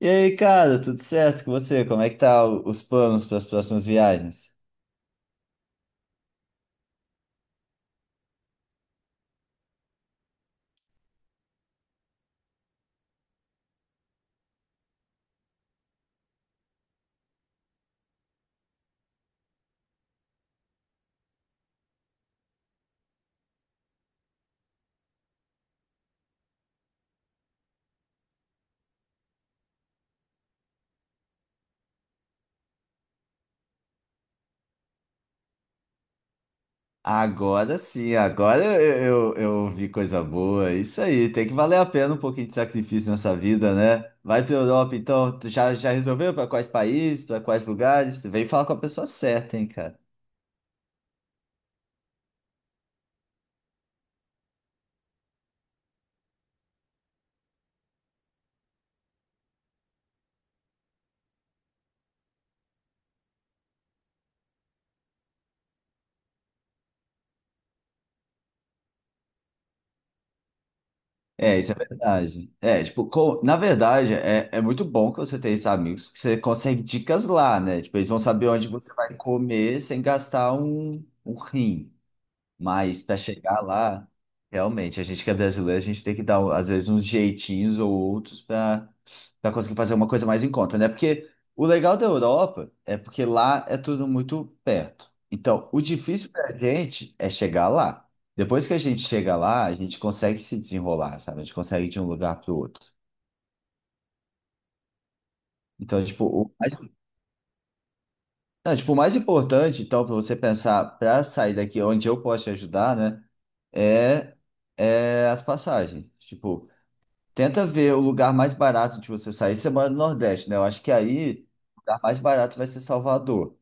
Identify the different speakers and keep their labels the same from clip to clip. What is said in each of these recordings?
Speaker 1: E aí, cara, tudo certo com você? Como é que tá os planos para as próximas viagens? Agora sim, agora eu vi coisa boa. Isso aí, tem que valer a pena um pouquinho de sacrifício nessa vida, né? Vai para Europa, então, tu já resolveu para quais países, para quais lugares? Vem falar com a pessoa certa, hein, cara? É, isso é verdade. É, tipo, na verdade, é muito bom que você tenha esses amigos, porque você consegue dicas lá, né? Tipo, eles vão saber onde você vai comer sem gastar um rim. Mas para chegar lá, realmente, a gente que é brasileiro, a gente tem que dar, às vezes, uns jeitinhos ou outros para conseguir fazer uma coisa mais em conta, né? Porque o legal da Europa é porque lá é tudo muito perto. Então, o difícil para a gente é chegar lá. Depois que a gente chega lá, a gente consegue se desenrolar, sabe? A gente consegue ir de um lugar para o outro. Então, tipo, o mais, não, tipo, o mais importante, então, para você pensar, para sair daqui onde eu posso te ajudar, né? É é as passagens. Tipo, tenta ver o lugar mais barato de você sair. Você mora no Nordeste, né? Eu acho que aí o lugar mais barato vai ser Salvador.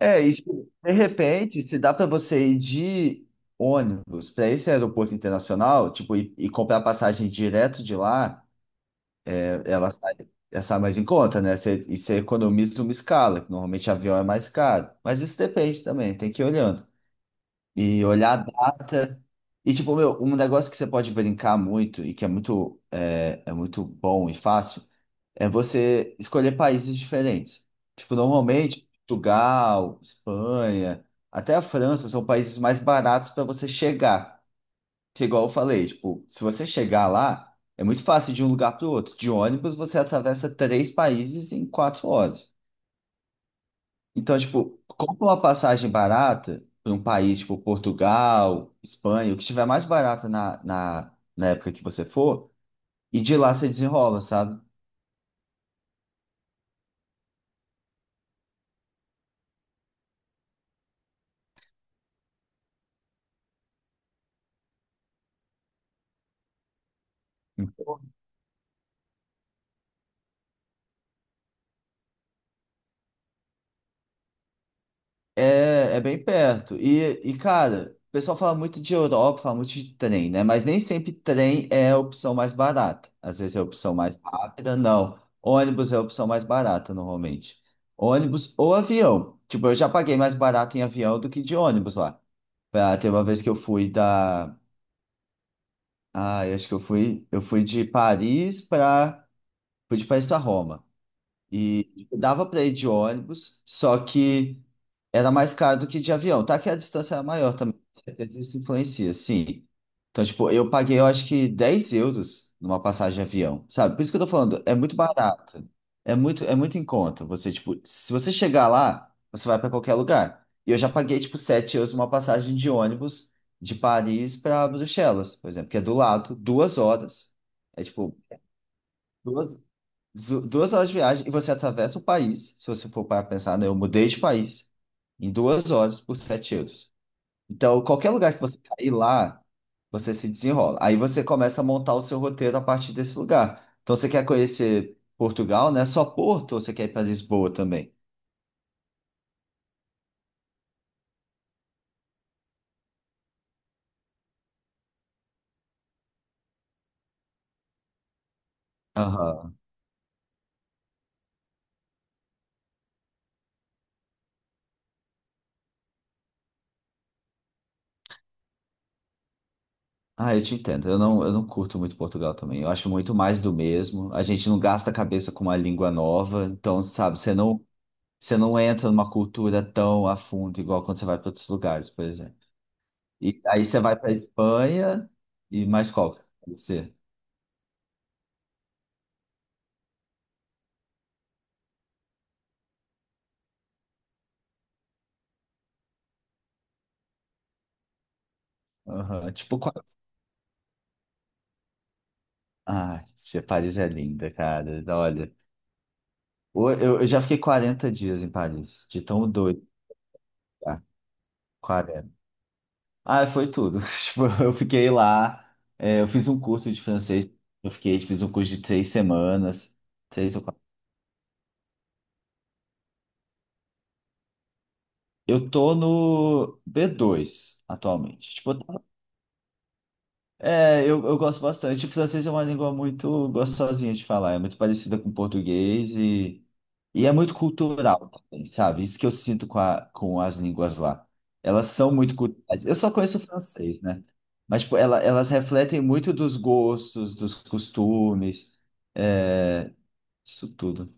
Speaker 1: É, e, tipo, de repente, se dá para você ir de ônibus para esse aeroporto internacional, tipo, e comprar passagem direto de lá, é, ela sai mais em conta, né? Você, e você economiza uma escala, que normalmente avião é mais caro. Mas isso depende também, tem que ir olhando. E olhar a data. E, tipo, meu, um negócio que você pode brincar muito e que é muito, é muito bom e fácil é você escolher países diferentes. Tipo, normalmente, Portugal, Espanha, até a França são países mais baratos para você chegar. Que é igual eu falei, tipo, se você chegar lá, é muito fácil de um lugar para o outro. De ônibus, você atravessa três países em 4 horas. Então, tipo, compra uma passagem barata para um país, tipo, Portugal, Espanha, o que estiver mais barata na época que você for, e de lá você desenrola, sabe? É, é bem perto. E, cara, o pessoal fala muito de Europa, fala muito de trem, né? Mas nem sempre trem é a opção mais barata. Às vezes é a opção mais rápida, não. Ônibus é a opção mais barata, normalmente. Ônibus ou avião. Tipo, eu já paguei mais barato em avião do que de ônibus lá. Pra, ter uma vez que eu fui da. Ah, eu acho que eu fui. Eu fui de Paris pra. Fui de Paris pra Roma. E dava para ir de ônibus, só que era mais caro do que de avião. Tá que a distância era maior também, com certeza isso influencia, sim. Então, tipo, eu paguei, eu acho que 10 euros numa passagem de avião, sabe? Por isso que eu tô falando, é muito barato. É muito em conta. Você, tipo, se você chegar lá, você vai para qualquer lugar. E eu já paguei, tipo, 7 euros numa passagem de ônibus de Paris para Bruxelas, por exemplo, que é do lado, 2 horas. É tipo. duas 2 horas de viagem e você atravessa o país. Se você for para pensar, né? Eu mudei de país em 2 horas por 7 euros. Então, qualquer lugar que você cair lá, você se desenrola. Aí você começa a montar o seu roteiro a partir desse lugar. Então, você quer conhecer Portugal, né? Só Porto ou você quer ir para Lisboa também? Aham. Ah, eu te entendo. Eu não curto muito Portugal também. Eu acho muito mais do mesmo. A gente não gasta a cabeça com uma língua nova. Então, sabe, você não. Você não entra numa cultura tão a fundo, igual quando você vai para outros lugares, por exemplo. E aí você vai para Espanha e mais qual? Que pode ser. Aham, tipo, qual? Ah, tia, Paris é linda, cara. Olha, eu já fiquei 40 dias em Paris, de tão doido. Tá? 40. Ah, foi tudo. Tipo, eu fiquei lá, é, eu fiz um curso de francês, eu fiquei, fiz um curso de 3 semanas, três ou quatro. Eu tô no B2 atualmente. Tipo, é, eu gosto bastante. O francês é uma língua muito gostosinha de falar, é muito parecida com o português e é muito cultural também, sabe? Isso que eu sinto com as línguas lá. Elas são muito culturais. Eu só conheço o francês, né? Mas tipo, elas refletem muito dos gostos, dos costumes, é, isso tudo.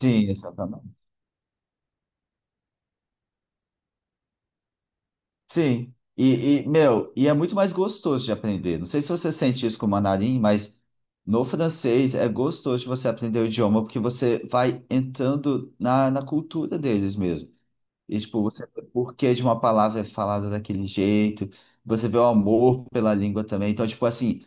Speaker 1: Sim, exatamente. Sim. E, meu, e é muito mais gostoso de aprender. Não sei se você sente isso com o mandarim, mas no francês é gostoso de você aprender o idioma, porque você vai entrando na cultura deles mesmo. E, tipo, você vê o porquê de uma palavra é falada daquele jeito, você vê o amor pela língua também. Então, tipo assim,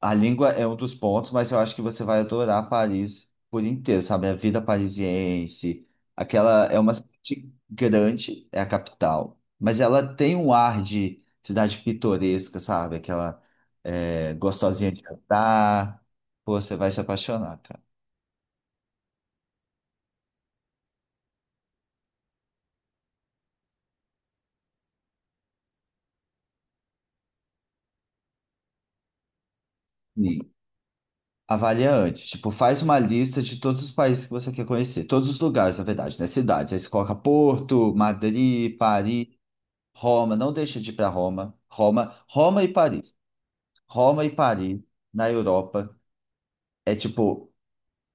Speaker 1: a língua é um dos pontos, mas eu acho que você vai adorar Paris por inteiro, sabe? A vida parisiense, aquela é uma cidade grande, é a capital, mas ela tem um ar de cidade pitoresca, sabe? Aquela é, gostosinha de andar. Pô, você vai se apaixonar, cara. Sim. Avalia antes, tipo, faz uma lista de todos os países que você quer conhecer, todos os lugares, na verdade, né? Cidades. Aí você coloca Porto, Madrid, Paris, Roma. Não deixa de ir para Roma. Roma, Roma e Paris. Roma e Paris, na Europa, é tipo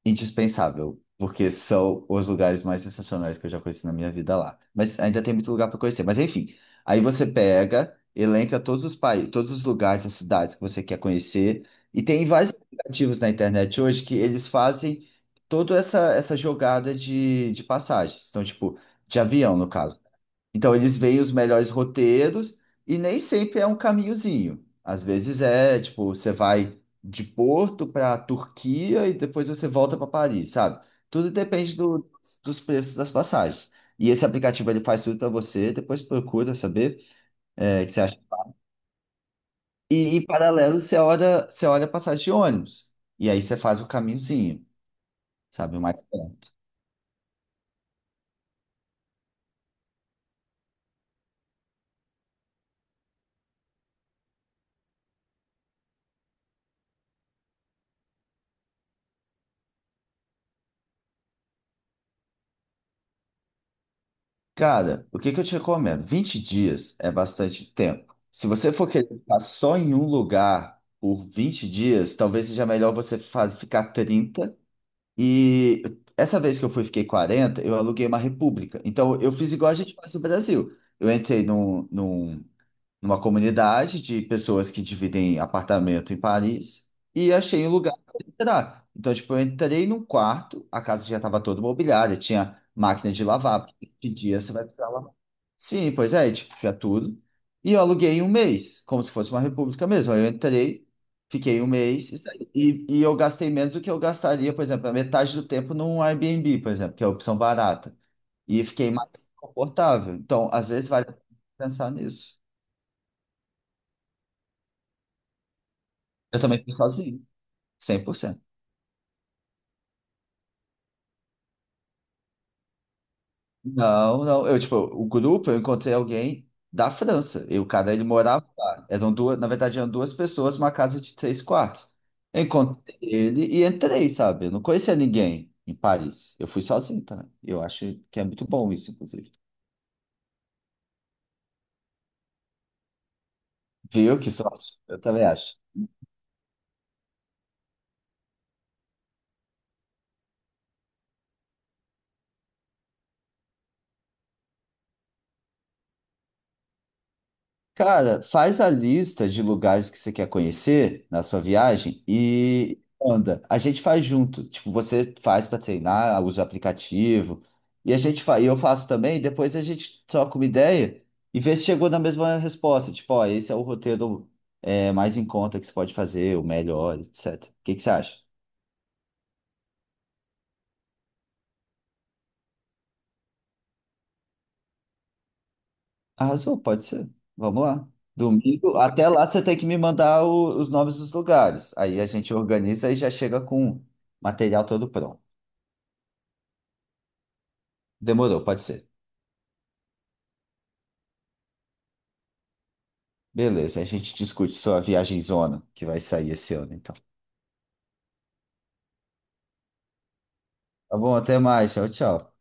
Speaker 1: indispensável, porque são os lugares mais sensacionais que eu já conheci na minha vida lá. Mas ainda tem muito lugar para conhecer. Mas enfim, aí você pega, elenca todos os países, todos os lugares, as cidades que você quer conhecer. E tem vários aplicativos na internet hoje que eles fazem toda essa jogada de passagens. Então, tipo, de avião, no caso. Então eles veem os melhores roteiros e nem sempre é um caminhozinho. Às vezes é, tipo, você vai de Porto para Turquia e depois você volta para Paris, sabe? Tudo depende dos preços das passagens. E esse aplicativo ele faz tudo para você, depois procura saber é, o que você acha. E em paralelo, você olha a passagem de ônibus. E aí você faz o caminhozinho, sabe? O mais perto. Cara, o que que eu te recomendo? 20 dias é bastante tempo. Se você for querer ficar só em um lugar por 20 dias, talvez seja melhor você ficar 30. E essa vez que eu fui, fiquei 40 eu aluguei uma república. Então, eu fiz igual a gente faz no Brasil. Eu entrei numa comunidade de pessoas que dividem apartamento em Paris e achei um lugar para entrar. Então, tipo, eu entrei num quarto, a casa já estava toda mobiliada, tinha máquina de lavar, porque de dia você vai precisar lavar. Sim, pois é, tipo, tinha tudo. E eu aluguei um mês, como se fosse uma república mesmo. Aí eu entrei, fiquei um mês e saí. E eu gastei menos do que eu gastaria, por exemplo, a metade do tempo num Airbnb, por exemplo, que é a opção barata. E fiquei mais confortável. Então, às vezes, vale a pena pensar nisso. Eu também fui sozinho, 100%. Não, não. Eu, tipo, o grupo, eu encontrei alguém da França. E o cara, ele morava lá. Eram duas, na verdade, eram duas pessoas numa casa de três quartos. Eu encontrei ele e entrei, sabe? Eu não conhecia ninguém em Paris. Eu fui sozinho também. Eu acho que é muito bom isso, inclusive. Viu? Que sorte. Eu também acho. Cara, faz a lista de lugares que você quer conhecer na sua viagem e anda. A gente faz junto. Tipo, você faz para treinar, usa o aplicativo. E a gente fa... e eu faço também, depois a gente troca uma ideia e vê se chegou na mesma resposta. Tipo, ó, esse é o roteiro é, mais em conta que você pode fazer, o melhor, etc. O que que você acha? Arrasou, pode ser. Vamos lá. Domingo, até lá você tem que me mandar os nomes dos lugares. Aí a gente organiza e já chega com o material todo pronto. Demorou, pode ser. Beleza, a gente discute sua viagem zona que vai sair esse ano, então. Tá bom, até mais. Tchau, tchau.